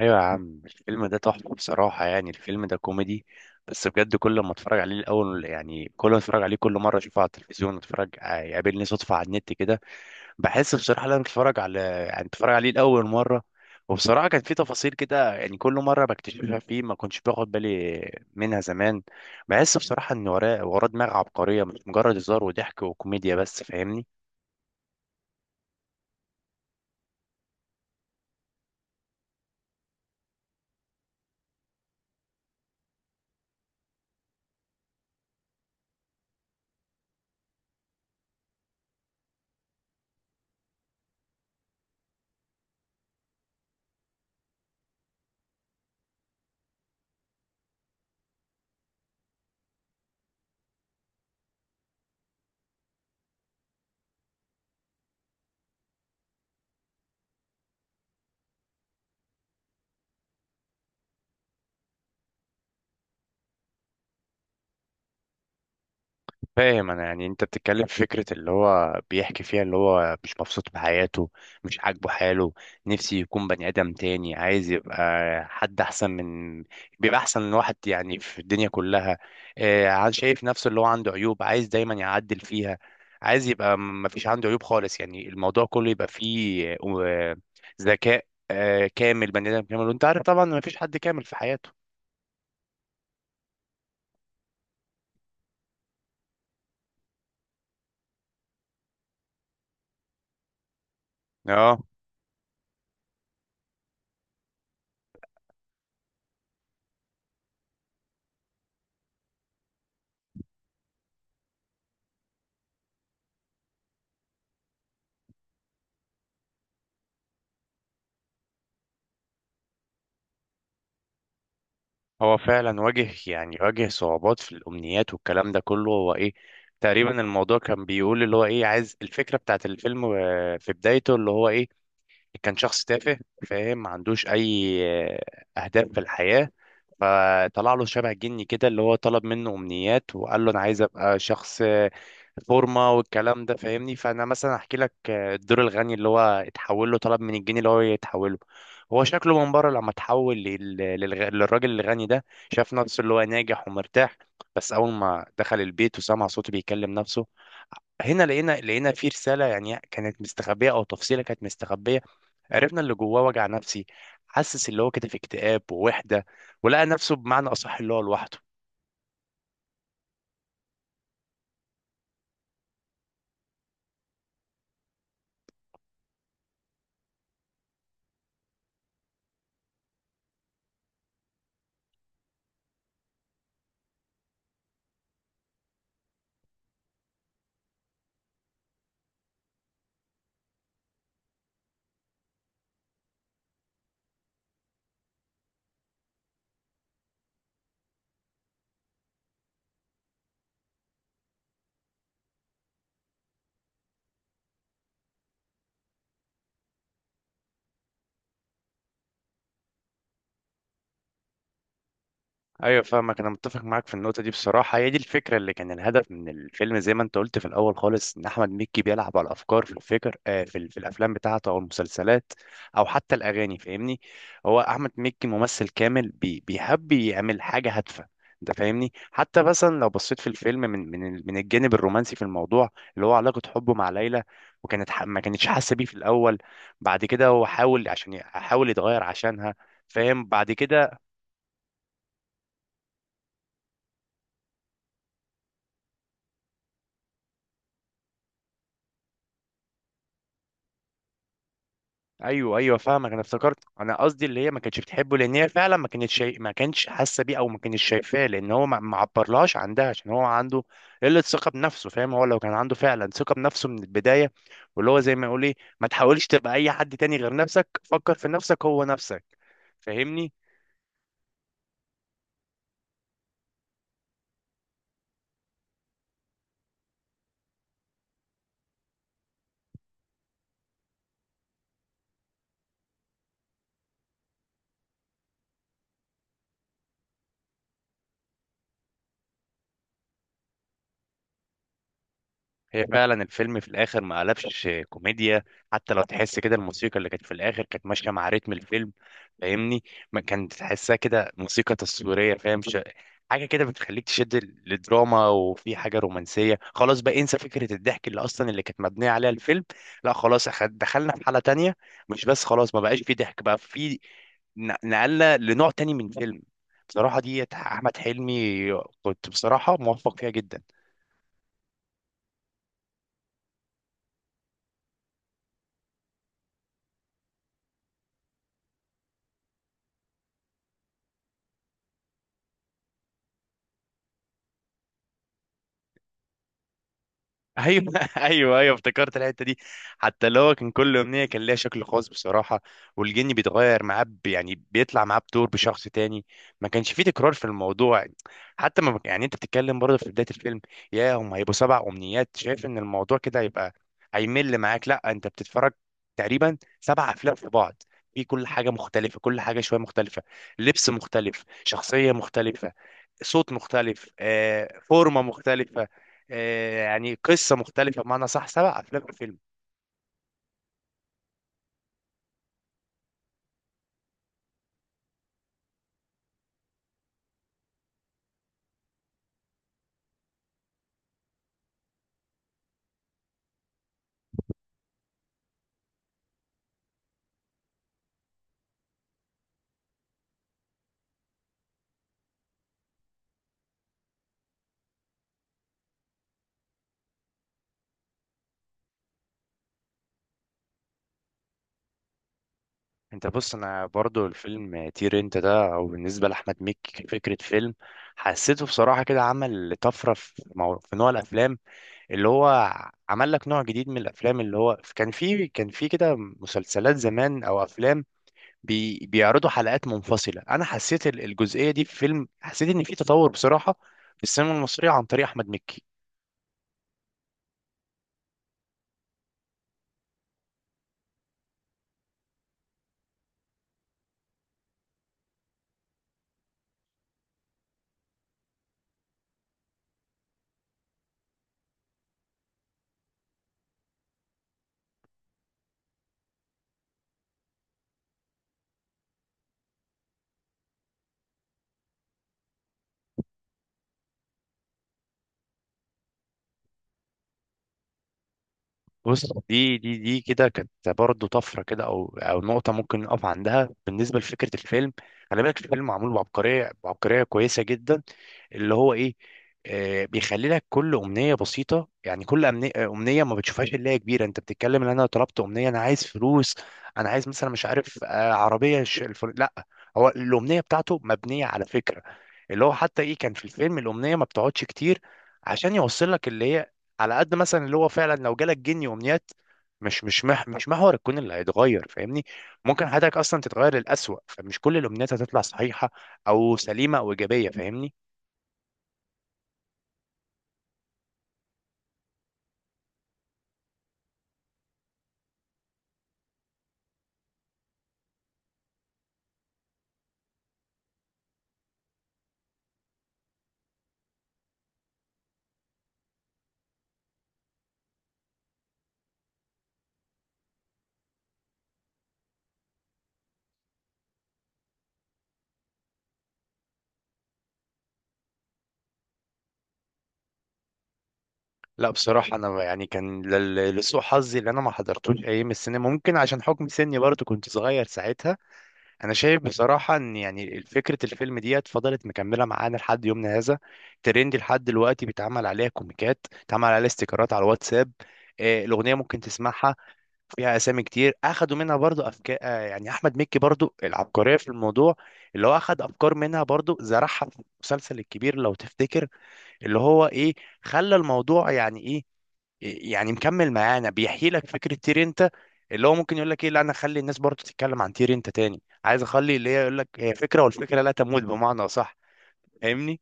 ايوه يا عم، الفيلم ده تحفه بصراحه، يعني الفيلم ده كوميدي. بس بجد كل ما اتفرج عليه الاول، يعني كل ما اتفرج عليه كل مره اشوفه على التلفزيون، اتفرج يقابلني صدفه على النت كده. بحس بصراحه لما اتفرج على، يعني اتفرج عليه لاول مره. وبصراحه كان في تفاصيل كده، يعني كل مره بكتشفها فيه، ما كنتش باخد بالي منها زمان. بحس بصراحه ان وراه وراه دماغ عبقريه، مش مجرد هزار وضحك وكوميديا بس، فاهمني؟ فاهم انا، يعني انت بتتكلم في فكره اللي هو بيحكي فيها، اللي هو مش مبسوط بحياته، مش عاجبه حاله، نفسي يكون بني ادم تاني، عايز يبقى حد احسن من، بيبقى احسن من واحد يعني في الدنيا كلها. شايف نفسه اللي هو عنده عيوب، عايز دايما يعدل فيها. عايز يبقى ما فيش عنده عيوب خالص، يعني الموضوع كله يبقى فيه ذكاء، كامل، بني ادم كامل، وانت عارف طبعا ما فيش حد كامل في حياته. اه، هو فعلا واجه، يعني واجه صعوبات في الأمنيات والكلام ده كله، هو إيه؟ تقريبا الموضوع كان بيقول اللي هو إيه، عايز الفكرة بتاعت الفيلم في بدايته، اللي هو إيه؟ كان شخص تافه، فاهم؟ ما عندوش اي اهداف في الحياة. فطلع له شبه جني كده، اللي هو طلب منه امنيات، وقال له انا عايز ابقى شخص فورمه والكلام ده، فاهمني؟ فانا مثلا احكي لك الدور الغني اللي هو اتحول له، طلب من الجني اللي هو يتحوله. هو شكله من بره لما اتحول للراجل الغني ده. شاف نفسه اللي هو ناجح ومرتاح، بس اول ما دخل البيت وسمع صوته بيكلم نفسه، هنا لقينا في رسالة، يعني كانت مستخبية، أو تفصيلة كانت مستخبية. عرفنا اللي جواه، وجع نفسي. حسس اللي هو كده في اكتئاب ووحدة. ولقى نفسه، بمعنى أصح، اللي هو لوحده. ايوه، فاهمك، انا متفق معاك في النقطه دي بصراحه، هي دي الفكره اللي كان الهدف من الفيلم، زي ما انت قلت في الاول خالص، ان احمد مكي بيلعب على الافكار في الفكر في الافلام بتاعته او المسلسلات، او حتى الاغاني، فاهمني؟ هو احمد مكي ممثل كامل، بيحب يعمل حاجه هادفه. انت فاهمني، حتى مثلا لو بصيت في الفيلم من الجانب الرومانسي في الموضوع، اللي هو علاقه حبه مع ليلى. وكانت ما كانتش حاسه بيه في الاول. بعد كده هو حاول عشان حاول يتغير عشانها، فاهم؟ بعد كده. ايوه، ايوه، فاهمك، انا افتكرت، انا قصدي اللي هي ما كانتش بتحبه، لان هي فعلا ما كانتش حاسه بيه، او ما كانتش شايفاه، لان هو ما عبرلهاش عندها، عشان هو عنده قله ثقه بنفسه، فاهم؟ هو لو كان عنده فعلا ثقه بنفسه من البدايه، واللي هو زي ما يقول ايه، ما تحاولش تبقى اي حد تاني غير نفسك، فكر في نفسك هو نفسك. فاهمني؟ هي فعلا الفيلم في الاخر ما قلبش كوميديا، حتى لو تحس كده، الموسيقى اللي كانت في الاخر كانت ماشيه مع رتم الفيلم. فاهمني؟ ما كانت تحسها كده موسيقى تصويريه، فاهم؟ حاجه كده بتخليك تشد للدراما، وفي حاجه رومانسيه، خلاص بقى انسى فكره الضحك اللي اصلا اللي كانت مبنيه عليها الفيلم. لا خلاص دخلنا في حاله تانية. مش بس خلاص ما بقاش في ضحك، بقى في نقلنا لنوع تاني من فيلم. بصراحه دي احمد حلمي، كنت بصراحه موفق فيها جدا. ايوه ايوه، ايوه، افتكرت الحته دي. حتى اللي هو كان كل امنيه كان ليها شكل خاص بصراحه، والجن بيتغير معاه، يعني بيطلع معاه بدور بشخص تاني. ما كانش فيه تكرار في الموضوع. حتى ما، يعني انت بتتكلم برضه في بدايه الفيلم، يا هم هيبقوا سبع امنيات، شايف ان الموضوع كده هيبقى هيمل معاك؟ لا، انت بتتفرج تقريبا سبع افلام في بعض، في كل حاجه مختلفه، كل حاجه شويه مختلفه، لبس مختلف، شخصيه مختلفه، صوت مختلف، فورمه مختلفه، يعني قصة مختلفة بمعنى صح، سبع أفلام في فيلم. أنت بص، أنا برضو الفيلم طير أنت ده أو بالنسبة لأحمد مكي فكرة فيلم، حسيته بصراحة كده عمل طفرة في في نوع الأفلام، اللي هو عمل لك نوع جديد من الأفلام، اللي هو كان في كده مسلسلات زمان أو أفلام، بيعرضوا حلقات منفصلة. أنا حسيت الجزئية دي في فيلم، حسيت إن في تطور بصراحة في السينما المصرية عن طريق أحمد مكي. بص، دي كده كانت برضه طفره كده، او نقطه ممكن نقف عندها بالنسبه لفكره الفيلم. خلي بالك الفيلم معمول بعبقريه، بعبقريه كويسه جدا. اللي هو ايه؟ بيخلي لك كل امنيه بسيطه، يعني كل امنيه ما بتشوفهاش اللي هي كبيره، انت بتتكلم ان انا طلبت امنيه، انا عايز فلوس، انا عايز مثلا مش عارف عربيه لا. هو الامنيه بتاعته مبنيه على فكره، اللي هو حتى ايه، كان في الفيلم الامنيه ما بتقعدش كتير عشان يوصل لك اللي هي، على قد مثلا اللي هو فعلا لو جالك جني وامنيات، مش محور الكون اللي هيتغير، فاهمني؟ ممكن حياتك اصلا تتغير للأسوأ، فمش كل الامنيات هتطلع صحيحه او سليمه او ايجابيه، فاهمني؟ لا بصراحه، انا يعني كان لسوء حظي اللي انا ما حضرتوش ايام السينما، ممكن عشان حكم سني برضه كنت صغير ساعتها. انا شايف بصراحه ان يعني فكره الفيلم ديت فضلت مكمله معانا لحد يومنا هذا، ترند لحد دلوقتي بيتعمل عليها كوميكات، بيتعمل عليها استيكرات على الواتساب. الاغنيه ممكن تسمعها، فيها اسامي كتير اخدوا منها برضو افكار، يعني احمد مكي برضو العبقريه في الموضوع، اللي هو اخد افكار منها برضو زرعها في المسلسل الكبير لو تفتكر. اللي هو ايه؟ خلى الموضوع يعني ايه؟ يعني مكمل معانا، بيحيي لك فكره تير انت، اللي هو ممكن يقول لك ايه، لا انا اخلي الناس برضو تتكلم عن تير انت تاني، عايز اخلي اللي هي يقول لك هي فكره، والفكره لا تموت، بمعنى صح. فاهمني؟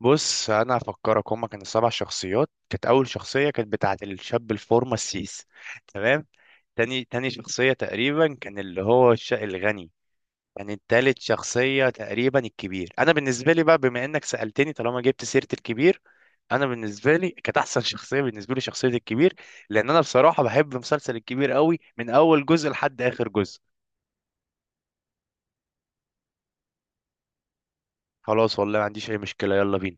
بص، انا هفكرك هما كانوا سبع شخصيات، كانت اول شخصيه كانت بتاعه الشاب الفورمه السيس. تمام. تاني شخصية تقريبا كان اللي هو الغني. يعني التالت شخصية تقريبا الكبير، أنا بالنسبة لي بقى بما إنك سألتني، طالما جبت سيرة الكبير، أنا بالنسبة لي كانت أحسن شخصية بالنسبة لي شخصية الكبير، لأن أنا بصراحة بحب مسلسل الكبير قوي من أول جزء لحد آخر جزء. خلاص والله، ما عنديش أي مشكلة، يلا بينا.